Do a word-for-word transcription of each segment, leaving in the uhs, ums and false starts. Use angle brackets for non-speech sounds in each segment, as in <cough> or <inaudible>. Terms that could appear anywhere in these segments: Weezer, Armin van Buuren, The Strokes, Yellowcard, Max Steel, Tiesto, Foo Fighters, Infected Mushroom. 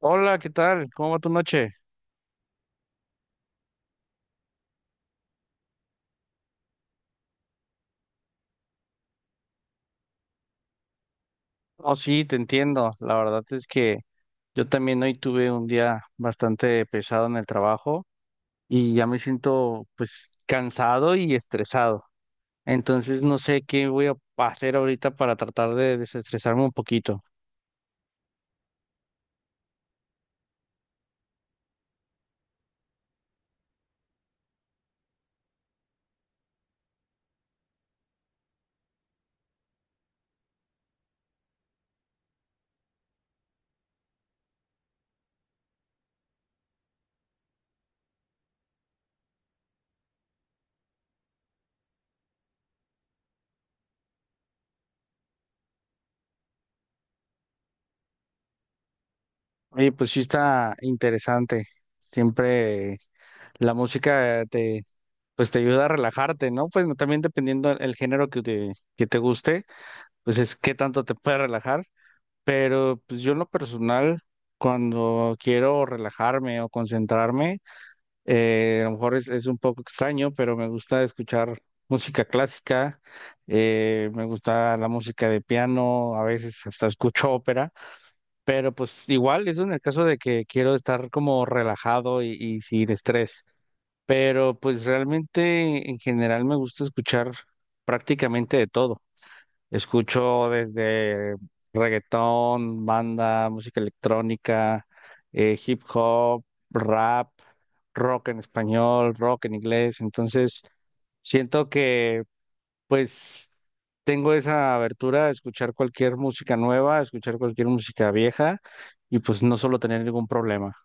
Hola, ¿qué tal? ¿Cómo va tu noche? Oh, sí, te entiendo. La verdad es que yo también hoy tuve un día bastante pesado en el trabajo y ya me siento pues cansado y estresado. Entonces no sé qué voy a hacer ahorita para tratar de desestresarme un poquito. Oye, pues sí está interesante. Siempre la música te pues te ayuda a relajarte, ¿no? Pues también dependiendo el género que te, que te guste, pues es qué tanto te puede relajar. Pero pues yo en lo personal, cuando quiero relajarme o concentrarme, eh, a lo mejor es, es un poco extraño, pero me gusta escuchar música clásica, eh, me gusta la música de piano, a veces hasta escucho ópera, pero pues igual, eso en el caso de que quiero estar como relajado y, y sin estrés. Pero pues realmente en general me gusta escuchar prácticamente de todo. Escucho desde reggaetón, banda, música electrónica, eh, hip hop, rap, rock en español, rock en inglés. Entonces, siento que pues tengo esa abertura a escuchar cualquier música nueva, a escuchar cualquier música vieja y pues no solo tener ningún problema.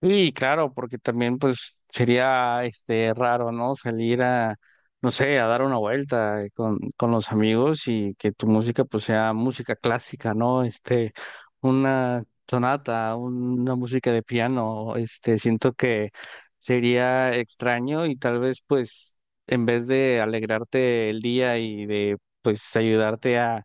Sí, claro, porque también pues sería este raro, ¿no? Salir a, no sé, a dar una vuelta eh, con, con los amigos y que tu música pues sea música clásica, ¿no? Este, una sonata, un- una música de piano, este, siento que sería extraño y tal vez pues en vez de alegrarte el día y de pues ayudarte a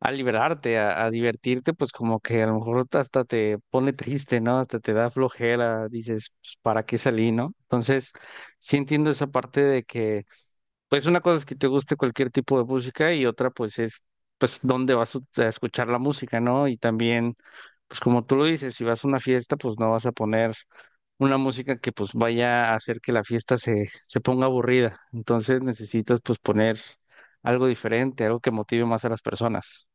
a liberarte, a, a divertirte, pues como que a lo mejor hasta te pone triste, ¿no? Hasta te da flojera, dices, pues, ¿para qué salí, no? Entonces, sí entiendo esa parte de que, pues una cosa es que te guste cualquier tipo de música y otra pues es, pues, ¿dónde vas a a escuchar la música, ¿no? Y también, pues como tú lo dices, si vas a una fiesta, pues no vas a poner una música que pues vaya a hacer que la fiesta se, se ponga aburrida. Entonces necesitas pues poner algo diferente, algo que motive más a las personas.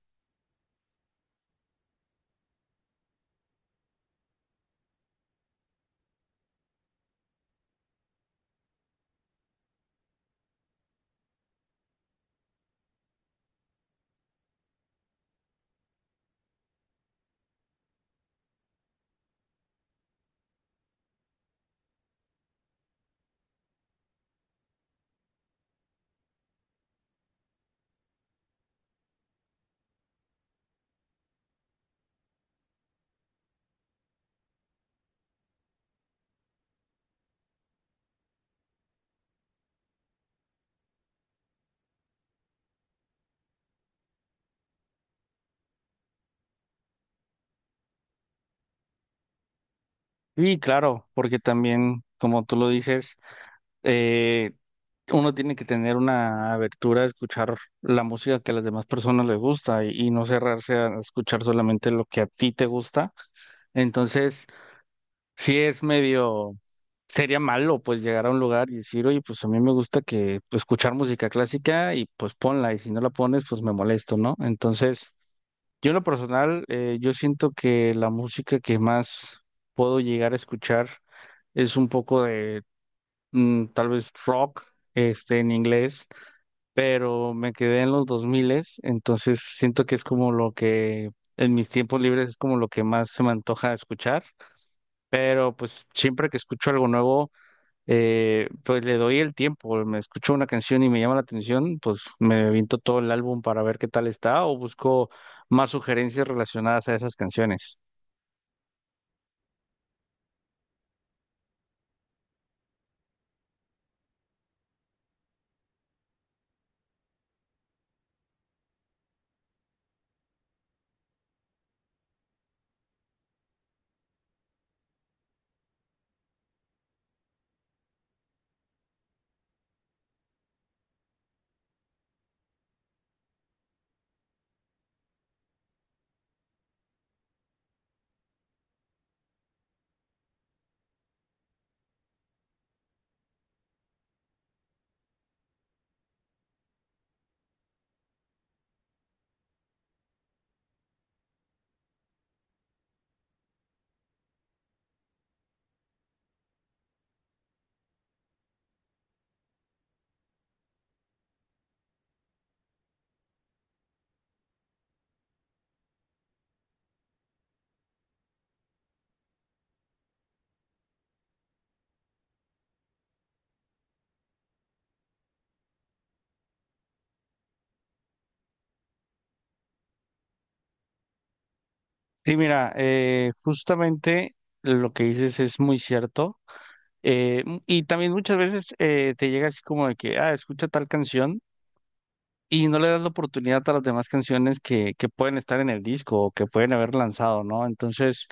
Sí, claro, porque también, como tú lo dices, eh, uno tiene que tener una abertura a escuchar la música que a las demás personas les gusta y, y no cerrarse a escuchar solamente lo que a ti te gusta. Entonces, sí es medio, sería malo pues llegar a un lugar y decir, oye, pues a mí me gusta que pues, escuchar música clásica y pues ponla y si no la pones, pues me molesto, ¿no? Entonces... Yo en lo personal, eh, yo siento que la música que más puedo llegar a escuchar es un poco de mm, tal vez rock, este, en inglés, pero me quedé en los dos mil, entonces siento que es como lo que en mis tiempos libres es como lo que más se me antoja escuchar, pero pues siempre que escucho algo nuevo eh, pues le doy el tiempo, me escucho una canción y me llama la atención, pues me vinto todo el álbum para ver qué tal está o busco más sugerencias relacionadas a esas canciones. Sí, mira, eh, justamente lo que dices es muy cierto. Eh, m- y también muchas veces eh, te llega así como de que, ah, escucha tal canción y no le das la oportunidad a las demás canciones que, que pueden estar en el disco o que pueden haber lanzado, ¿no? Entonces,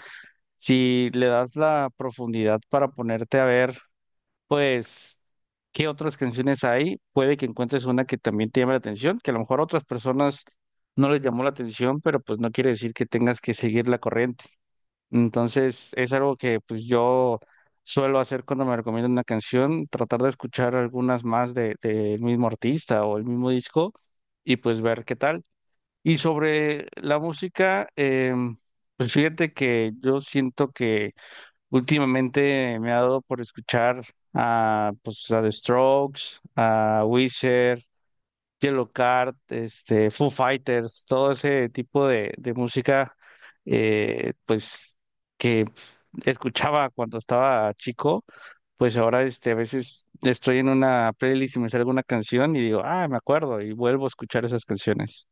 si le das la profundidad para ponerte a ver, pues ¿qué otras canciones hay? Puede que encuentres una que también te llame la atención, que a lo mejor a otras personas no les llamó la atención, pero pues no quiere decir que tengas que seguir la corriente. Entonces, es algo que pues yo suelo hacer cuando me recomiendan una canción, tratar de escuchar algunas más de, del mismo artista o el mismo disco y pues ver qué tal. Y sobre la música, em, pues fíjate que yo siento que últimamente me ha dado por escuchar a, pues, a The Strokes, a Weezer, Yellowcard, este, Foo Fighters, todo ese tipo de, de música, eh, pues, que escuchaba cuando estaba chico, pues ahora, este, a veces estoy en una playlist y me sale alguna canción y digo, ah, me acuerdo, y vuelvo a escuchar esas canciones.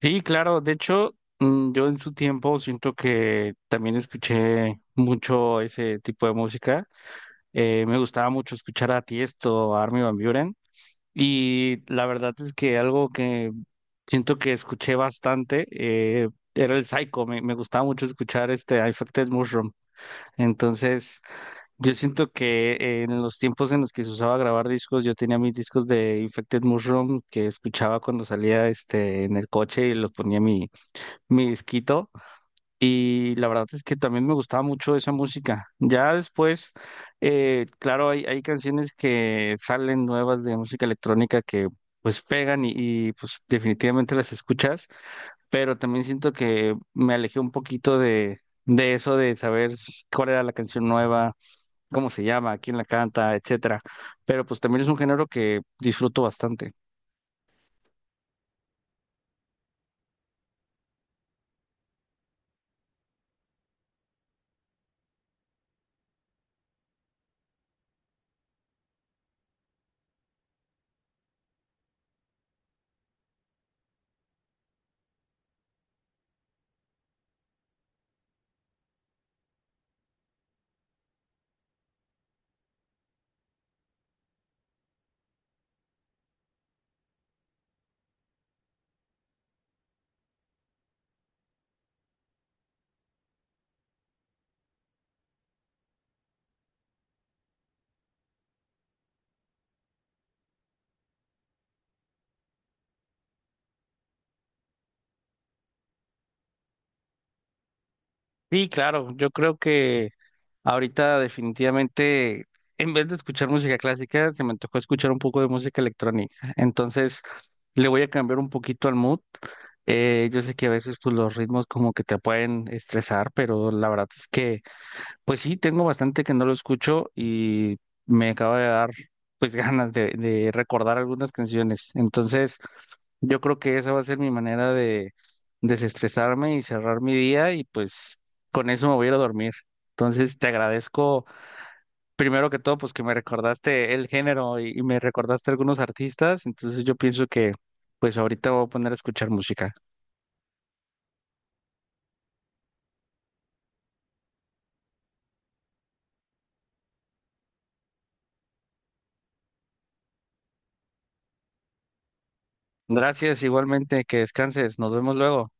Sí, claro. De hecho, mm, yo en su tiempo siento que también escuché mucho ese tipo de música. Eh, me gustaba mucho escuchar a Tiesto, a Armin van Buuren. Y la verdad es que algo que siento que escuché bastante eh, era el Psycho. Me, me gustaba mucho escuchar este I Affected Mushroom. Entonces, yo siento que eh, en los tiempos en los que se usaba grabar discos, yo tenía mis discos de Infected Mushroom que escuchaba cuando salía este en el coche y los ponía en mi mi disquito y la verdad es que también me gustaba mucho esa música. Ya después, eh, claro, hay, hay canciones que salen nuevas de música electrónica que pues pegan y, y, pues definitivamente las escuchas, pero también siento que me alejé un poquito de, de eso de saber cuál era la canción nueva, cómo se llama, quién la canta, etcétera. Pero pues también es un género que disfruto bastante. Sí, claro, yo creo que ahorita definitivamente, en vez de escuchar música clásica, se me antojó escuchar un poco de música electrónica. Entonces, le voy a cambiar un poquito al mood. Eh, yo sé que a veces pues los ritmos como que te pueden estresar, pero la verdad es que, pues sí, tengo bastante que no lo escucho y me acaba de dar pues <laughs> ganas de, de recordar algunas canciones. Entonces, yo creo que esa va a ser mi manera de desestresarme y cerrar mi día y pues con eso me voy a ir a dormir. Entonces, te agradezco primero que todo, pues que me recordaste el género y, y me recordaste algunos artistas, entonces yo pienso que pues ahorita voy a poner a escuchar música. Gracias, igualmente, que descanses, nos vemos luego.